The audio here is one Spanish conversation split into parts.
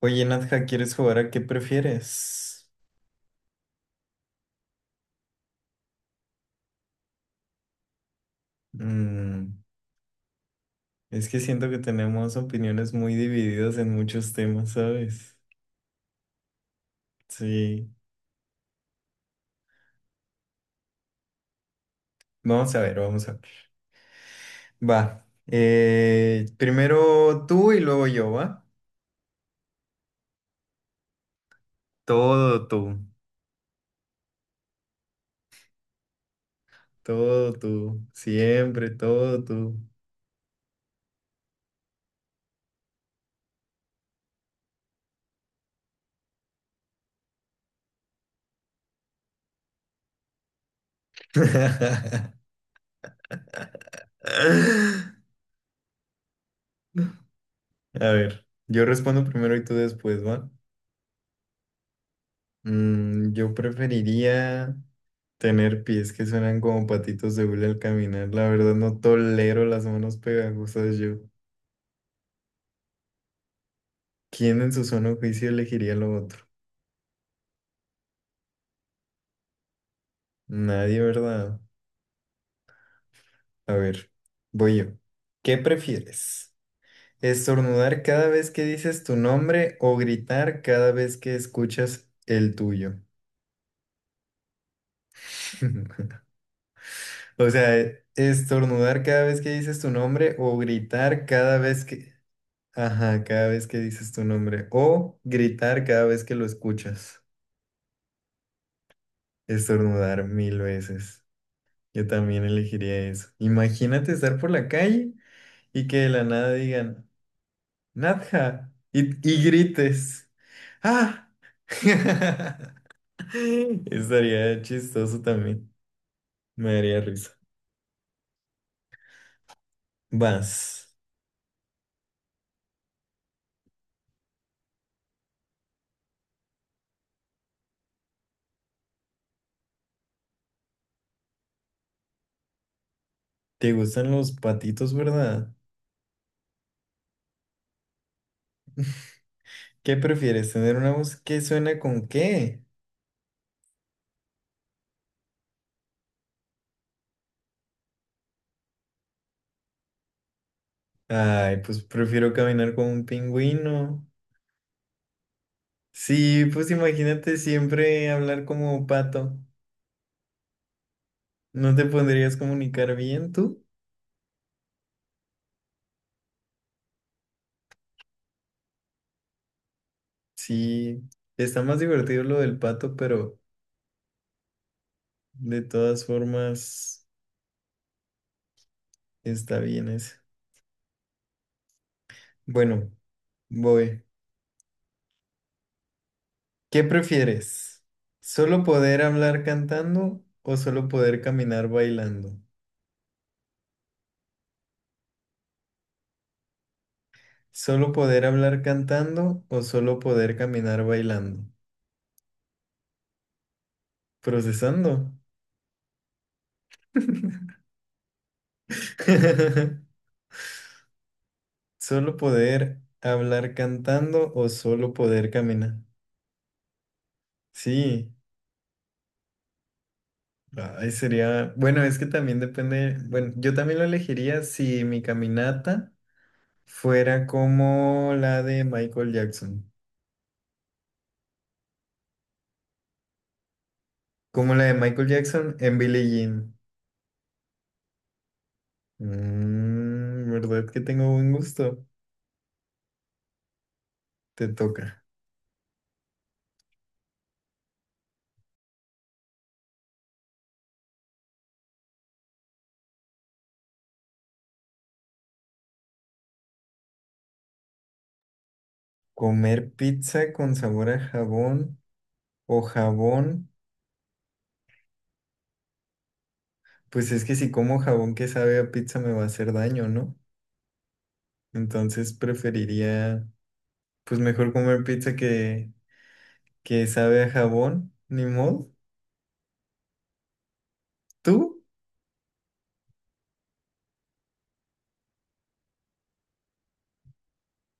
Oye, Nadja, ¿quieres jugar a qué prefieres? Mm, es que siento que tenemos opiniones muy divididas en muchos temas, ¿sabes? Sí. Vamos a ver, vamos a ver. Va. Primero tú y luego yo, ¿va? Todo tú. Todo tú. Siempre, todo tú. A ver, yo respondo primero y tú después, ¿va? Yo preferiría. Tener pies que suenan como patitos de hule al caminar. La verdad no tolero las manos pegajosas yo. ¿Quién en su sano juicio elegiría lo otro? Nadie, ¿verdad? A ver, voy yo. ¿Qué prefieres? ¿Estornudar cada vez que dices tu nombre o gritar cada vez que escuchas el tuyo? O sea, estornudar cada vez que dices tu nombre o gritar cada vez que... Ajá, cada vez que dices tu nombre o gritar cada vez que lo escuchas. Estornudar mil veces. Yo también elegiría eso. Imagínate estar por la calle y que de la nada digan, Nadja, y grites. ¡Ah! Estaría chistoso también. Me daría risa. Vas. ¿Te gustan los patitos, verdad? ¿Qué prefieres? ¿Tener una voz que suena con qué? Ay, pues prefiero caminar como un pingüino. Sí, pues imagínate siempre hablar como un pato. ¿No te podrías comunicar bien tú? Sí, está más divertido lo del pato, pero de todas formas está bien eso. Bueno, voy. ¿Qué prefieres? ¿Solo poder hablar cantando o solo poder caminar bailando? ¿Solo poder hablar cantando o solo poder caminar bailando? Procesando. ¿Solo poder hablar cantando o solo poder caminar? Sí. Ay, sería, bueno, es que también depende, bueno, yo también lo elegiría si mi caminata fuera como la de Michael Jackson, como la de Michael Jackson en Billie Jean. ¿Verdad que tengo buen gusto? Te toca. ¿Comer pizza con sabor a jabón o jabón? Pues es que si como jabón que sabe a pizza me va a hacer daño, ¿no? Entonces preferiría, pues mejor comer pizza que sabe a jabón, ni modo. ¿Tú?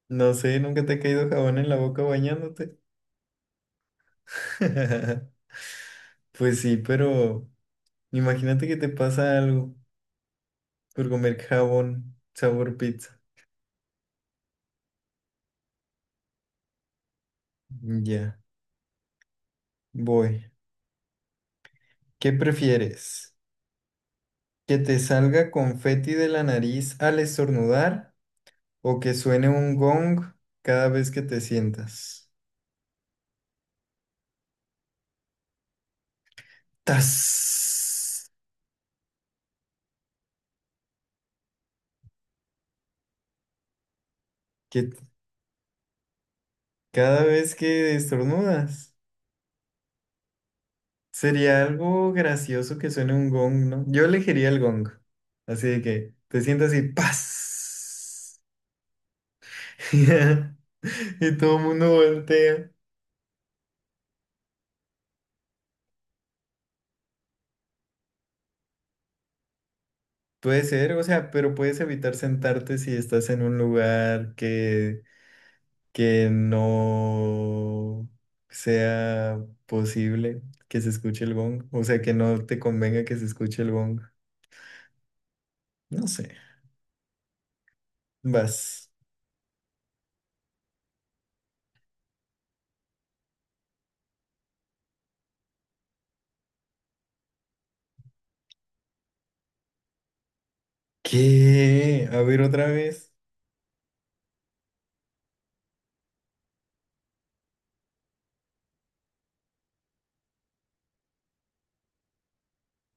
No sé, nunca te ha caído jabón en la boca bañándote. Pues sí, pero imagínate que te pasa algo por comer jabón sabor pizza. Ya, voy. ¿Qué prefieres? ¿Que te salga confeti de la nariz al estornudar o que suene un gong cada vez que te sientas? ¡Tas! Que cada vez que estornudas. Sería algo gracioso que suene un gong, ¿no? Yo elegiría el gong. Así de que te sientas y ¡paz! Y todo el mundo voltea. Puede ser, o sea, pero puedes evitar sentarte si estás en un lugar que no sea posible que se escuche el gong. O sea, que no te convenga que se escuche el gong. No sé. Vas. ¿Qué? A ver otra vez.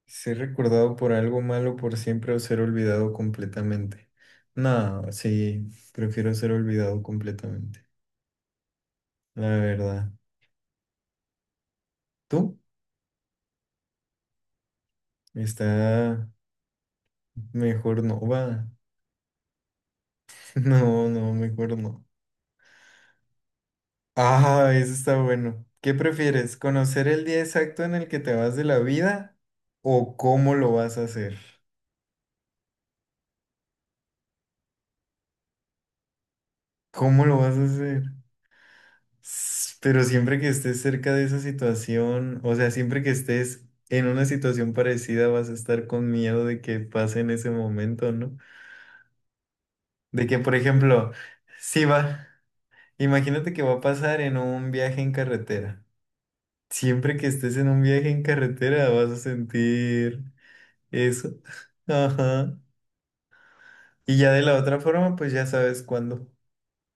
Ser recordado por algo malo por siempre o ser olvidado completamente. No, sí, prefiero ser olvidado completamente, la verdad. ¿Tú? Está mejor no, va. No, no, mejor no. Ah, eso está bueno. ¿Qué prefieres? ¿Conocer el día exacto en el que te vas de la vida o cómo lo vas a hacer? ¿Cómo lo vas a hacer? Pero siempre que estés cerca de esa situación, o sea, siempre que estés en una situación parecida, vas a estar con miedo de que pase en ese momento, ¿no? De que, por ejemplo, si va, imagínate que va a pasar en un viaje en carretera. Siempre que estés en un viaje en carretera, vas a sentir eso. Ajá. Y ya de la otra forma, pues ya sabes cuándo.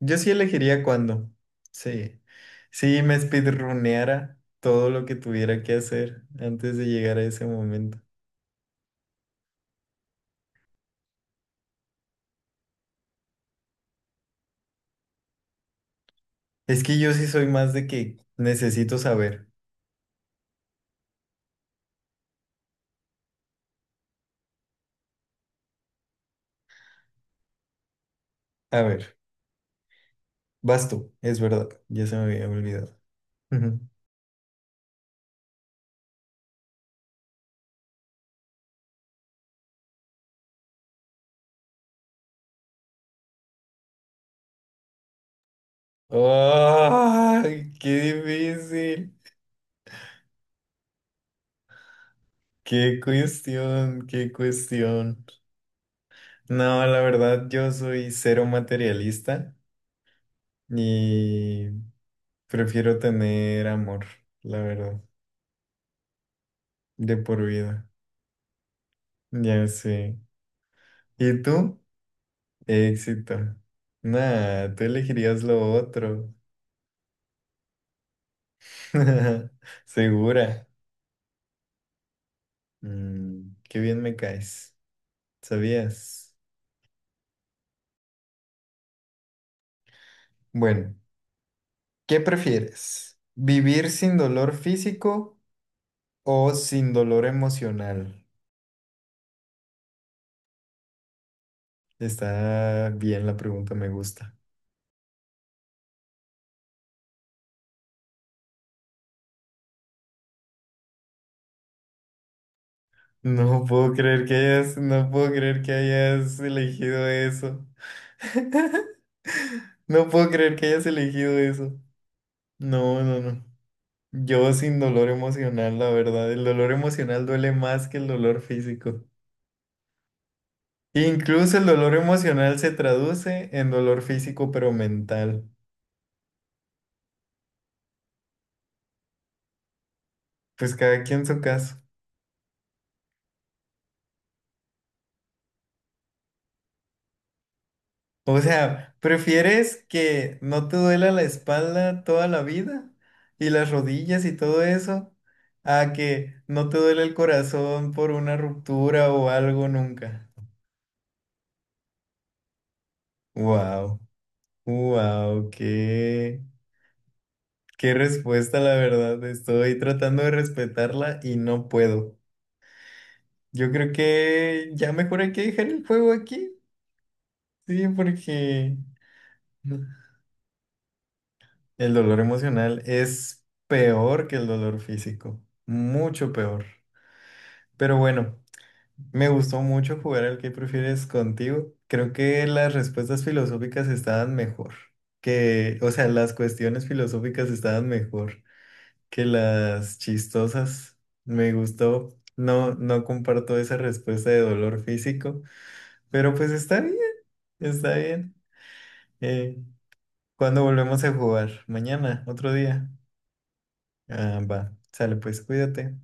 Yo sí elegiría cuándo. Sí. Sí, me speedruneara todo lo que tuviera que hacer antes de llegar a ese momento. Es que yo sí soy más de que necesito saber. A ver, vas tú, es verdad. Ya se me había olvidado. Ujú. ¡Ay, qué difícil! ¡Qué cuestión! ¡Qué cuestión! No, la verdad, yo soy cero materialista y prefiero tener amor, la verdad, de por vida. Ya sé. ¿Y tú? Éxito. Nah, tú elegirías lo otro. Segura. Mm, qué bien me caes. ¿Sabías? Bueno, ¿qué prefieres? ¿Vivir sin dolor físico o sin dolor emocional? Está bien la pregunta, me gusta. No puedo creer que hayas, No puedo creer que hayas elegido eso. No puedo creer que hayas elegido eso. No, no, no. Yo sin dolor emocional, la verdad. El dolor emocional duele más que el dolor físico. Incluso el dolor emocional se traduce en dolor físico, pero mental. Pues cada quien su caso. O sea, ¿prefieres que no te duela la espalda toda la vida y las rodillas y todo eso a que no te duele el corazón por una ruptura o algo nunca? Wow, wow, qué. Qué respuesta, la verdad. Estoy tratando de respetarla y no puedo. Yo creo que ya mejor hay que dejar el juego aquí. Sí, porque el dolor emocional es peor que el dolor físico. Mucho peor. Pero bueno, me gustó mucho jugar al que prefieres contigo. Creo que las respuestas filosóficas estaban mejor. Que, o sea, las cuestiones filosóficas estaban mejor. Que las chistosas. Me gustó. No, no comparto esa respuesta de dolor físico, pero pues está bien, está bien. Eh, ¿Cuándo volvemos a jugar? Mañana, otro día. Ah, va. Sale, pues cuídate.